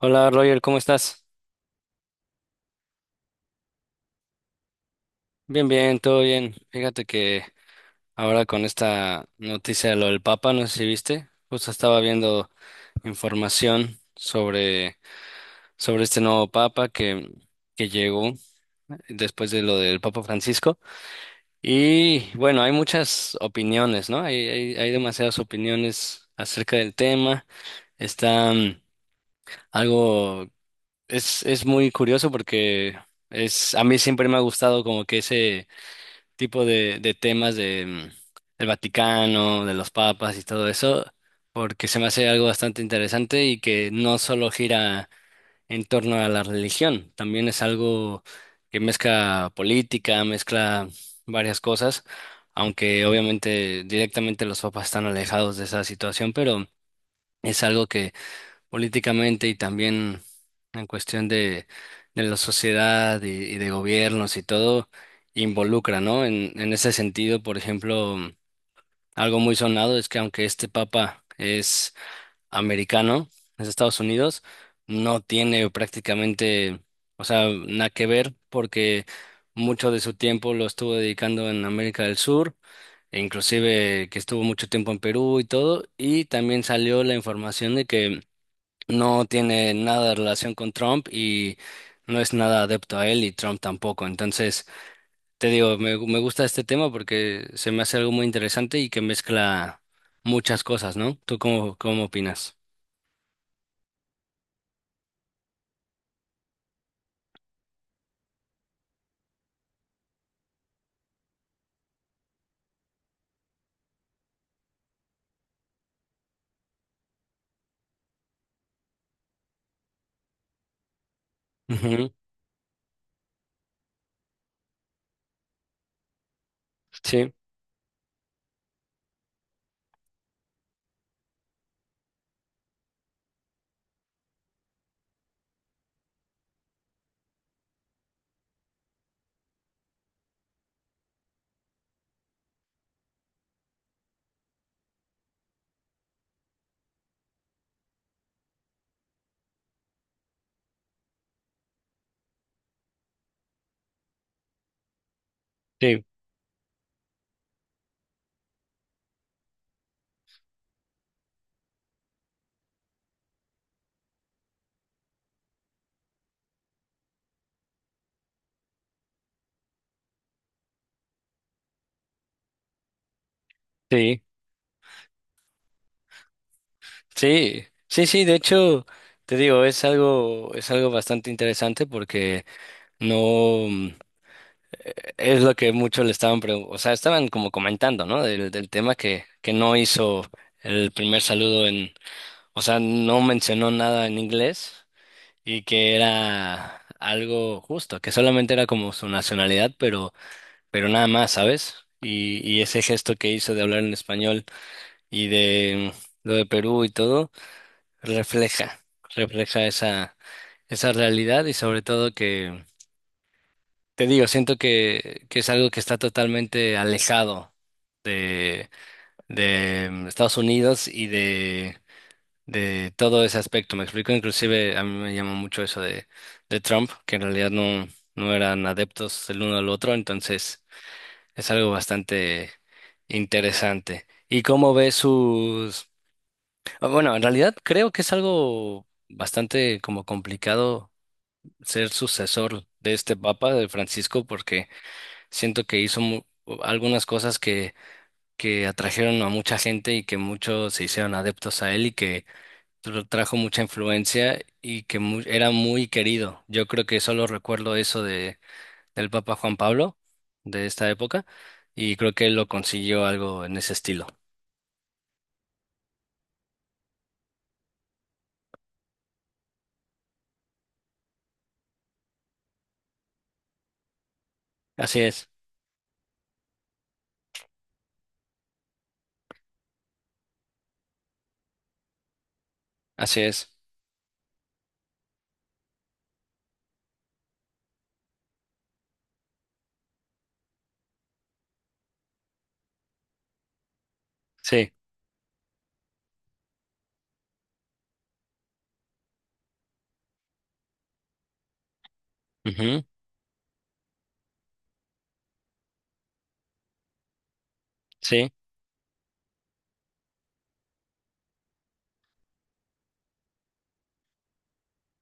Hola Roger, ¿cómo estás? Bien, bien, todo bien. Fíjate que ahora con esta noticia de lo del Papa, no sé si viste, justo estaba viendo información sobre, sobre este nuevo Papa que llegó después de lo del Papa Francisco. Y bueno, hay muchas opiniones, ¿no? Hay, hay demasiadas opiniones acerca del tema. Está algo, es muy curioso porque es, a mí siempre me ha gustado como que ese tipo de temas de, del Vaticano, de los papas y todo eso, porque se me hace algo bastante interesante y que no solo gira en torno a la religión, también es algo que mezcla política, mezcla varias cosas, aunque obviamente directamente los papas están alejados de esa situación, pero es algo políticamente y también en cuestión de la sociedad y de gobiernos y todo, involucra, ¿no? En ese sentido, por ejemplo, algo muy sonado es que aunque este papa es americano, es de Estados Unidos, no tiene prácticamente, o sea, nada que ver porque mucho de su tiempo lo estuvo dedicando en América del Sur e inclusive que estuvo mucho tiempo en Perú y todo, y también salió la información de que no tiene nada de relación con Trump y no es nada adepto a él y Trump tampoco. Entonces, te digo, me gusta este tema porque se me hace algo muy interesante y que mezcla muchas cosas, ¿no? ¿Tú cómo, cómo opinas? Ujú. Sí, sí, sí, sí, sí, sí, de hecho, te digo, es algo bastante interesante porque no es lo que muchos le estaban preguntando, o sea, estaban como comentando, ¿no? Del, del tema que no hizo el primer saludo en... O sea, no mencionó nada en inglés y que era algo justo, que solamente era como su nacionalidad, pero nada más, ¿sabes? Y ese gesto que hizo de hablar en español y de lo de Perú y todo, refleja, refleja esa, esa realidad y sobre todo que, te digo, siento que es algo que está totalmente alejado de, de Estados Unidos y de todo ese aspecto. Me explico, inclusive a mí me llamó mucho eso de Trump, que en realidad no, no eran adeptos el uno al otro, entonces es algo bastante interesante. ¿Y cómo ve sus... Bueno, en realidad creo que es algo bastante como complicado ser sucesor de este Papa, de Francisco, porque siento que algunas cosas que atrajeron a mucha gente y que muchos se hicieron adeptos a él y que trajo mucha influencia y que era muy querido. Yo creo que solo recuerdo eso de, del Papa Juan Pablo de esta época y creo que él lo consiguió algo en ese estilo. Así es, así es. Sí, ujú. Sí,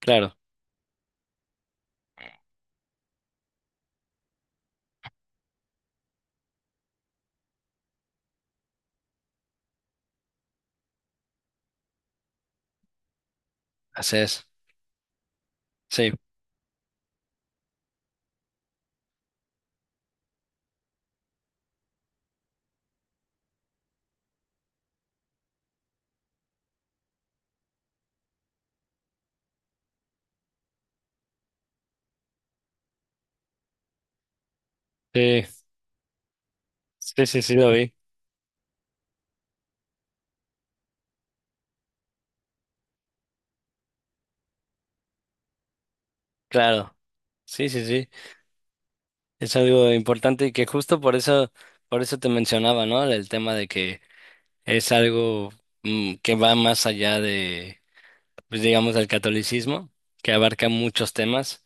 claro, así es. Sí, sí, sí, sí, sí, lo vi. Claro, sí, sí, sí. Es algo importante y que justo por eso te mencionaba, ¿no? El tema de que es algo que va más allá pues digamos, al catolicismo, que abarca muchos temas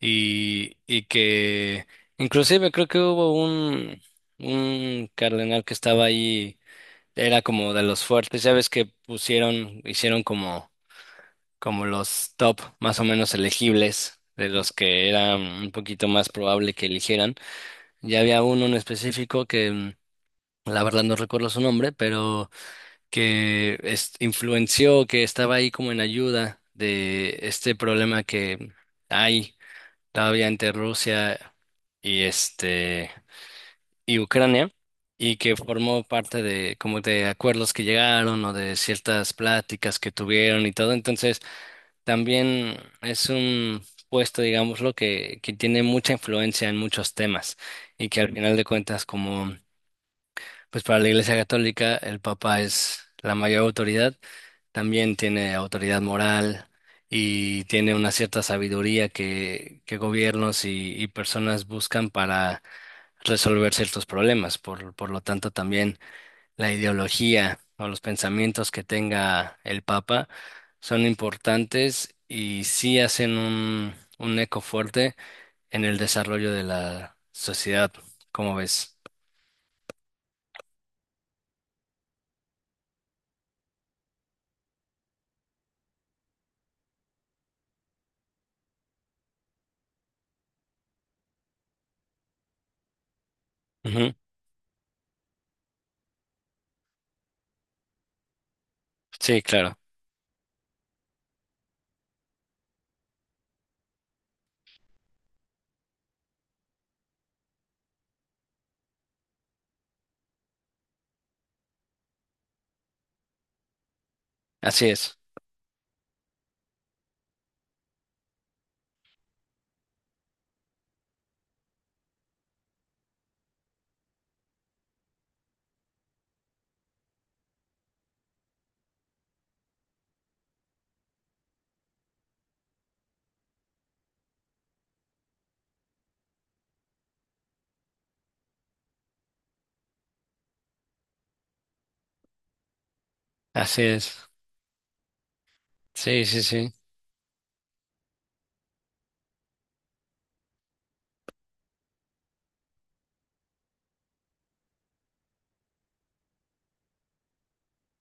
y que inclusive creo que hubo un cardenal que estaba ahí, era como de los fuertes, ya ves que pusieron, hicieron como, como los top más o menos elegibles, de los que era un poquito más probable que eligieran. Ya había uno en específico que la verdad no recuerdo su nombre, pero influenció, que estaba ahí como en ayuda de este problema que hay todavía entre Rusia y este y Ucrania y que formó parte de como de acuerdos que llegaron o de ciertas pláticas que tuvieron y todo. Entonces, también es un puesto, digámoslo, que tiene mucha influencia en muchos temas y que al final de cuentas como pues para la Iglesia Católica el Papa es la mayor autoridad, también tiene autoridad moral y tiene una cierta sabiduría que gobiernos y personas buscan para resolver ciertos problemas. Por lo tanto, también la ideología o los pensamientos que tenga el Papa son importantes y sí hacen un eco fuerte en el desarrollo de la sociedad, como ves. Ujú. Sí, claro. Así es. Así es. Sí, sí, sí.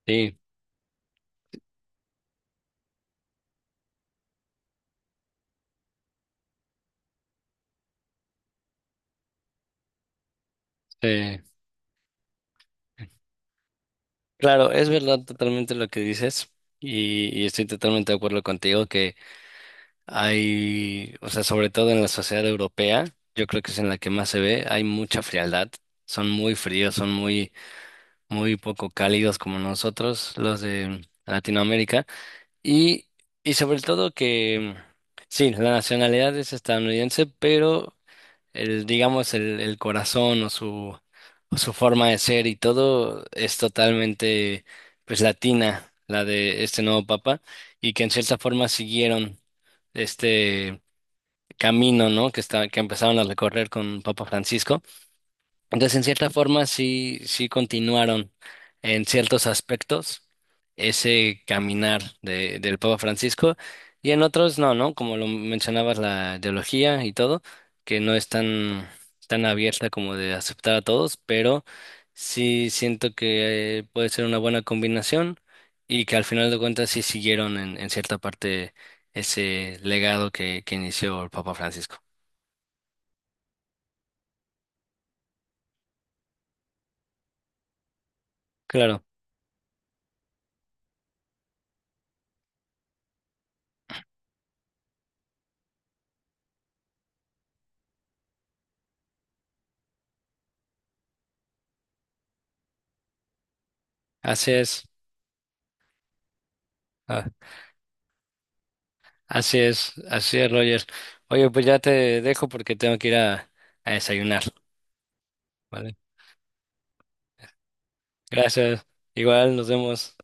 Sí, sí. Claro, es verdad totalmente lo que dices y estoy totalmente de acuerdo contigo que hay, o sea, sobre todo en la sociedad europea, yo creo que es en la que más se ve, hay mucha frialdad, son muy fríos, son muy, muy poco cálidos como nosotros, los de Latinoamérica, y, y sobre todo que, sí, la nacionalidad es estadounidense, pero el, digamos, el corazón o su forma de ser y todo es totalmente, pues, latina, la de este nuevo papa, y que en cierta forma siguieron este camino, ¿no? Que está, que empezaron a recorrer con Papa Francisco. Entonces, en cierta forma, sí, sí continuaron en ciertos aspectos ese caminar de, del Papa Francisco y en otros no, ¿no? Como lo mencionabas, la ideología y todo, que no es tan, tan abierta como de aceptar a todos, pero sí siento que puede ser una buena combinación y que al final de cuentas sí siguieron en cierta parte ese legado que inició el Papa Francisco. Claro, así es. Así es, así es, Roger. Oye, pues ya te dejo porque tengo que ir a desayunar, ¿vale? Gracias. Igual, nos vemos.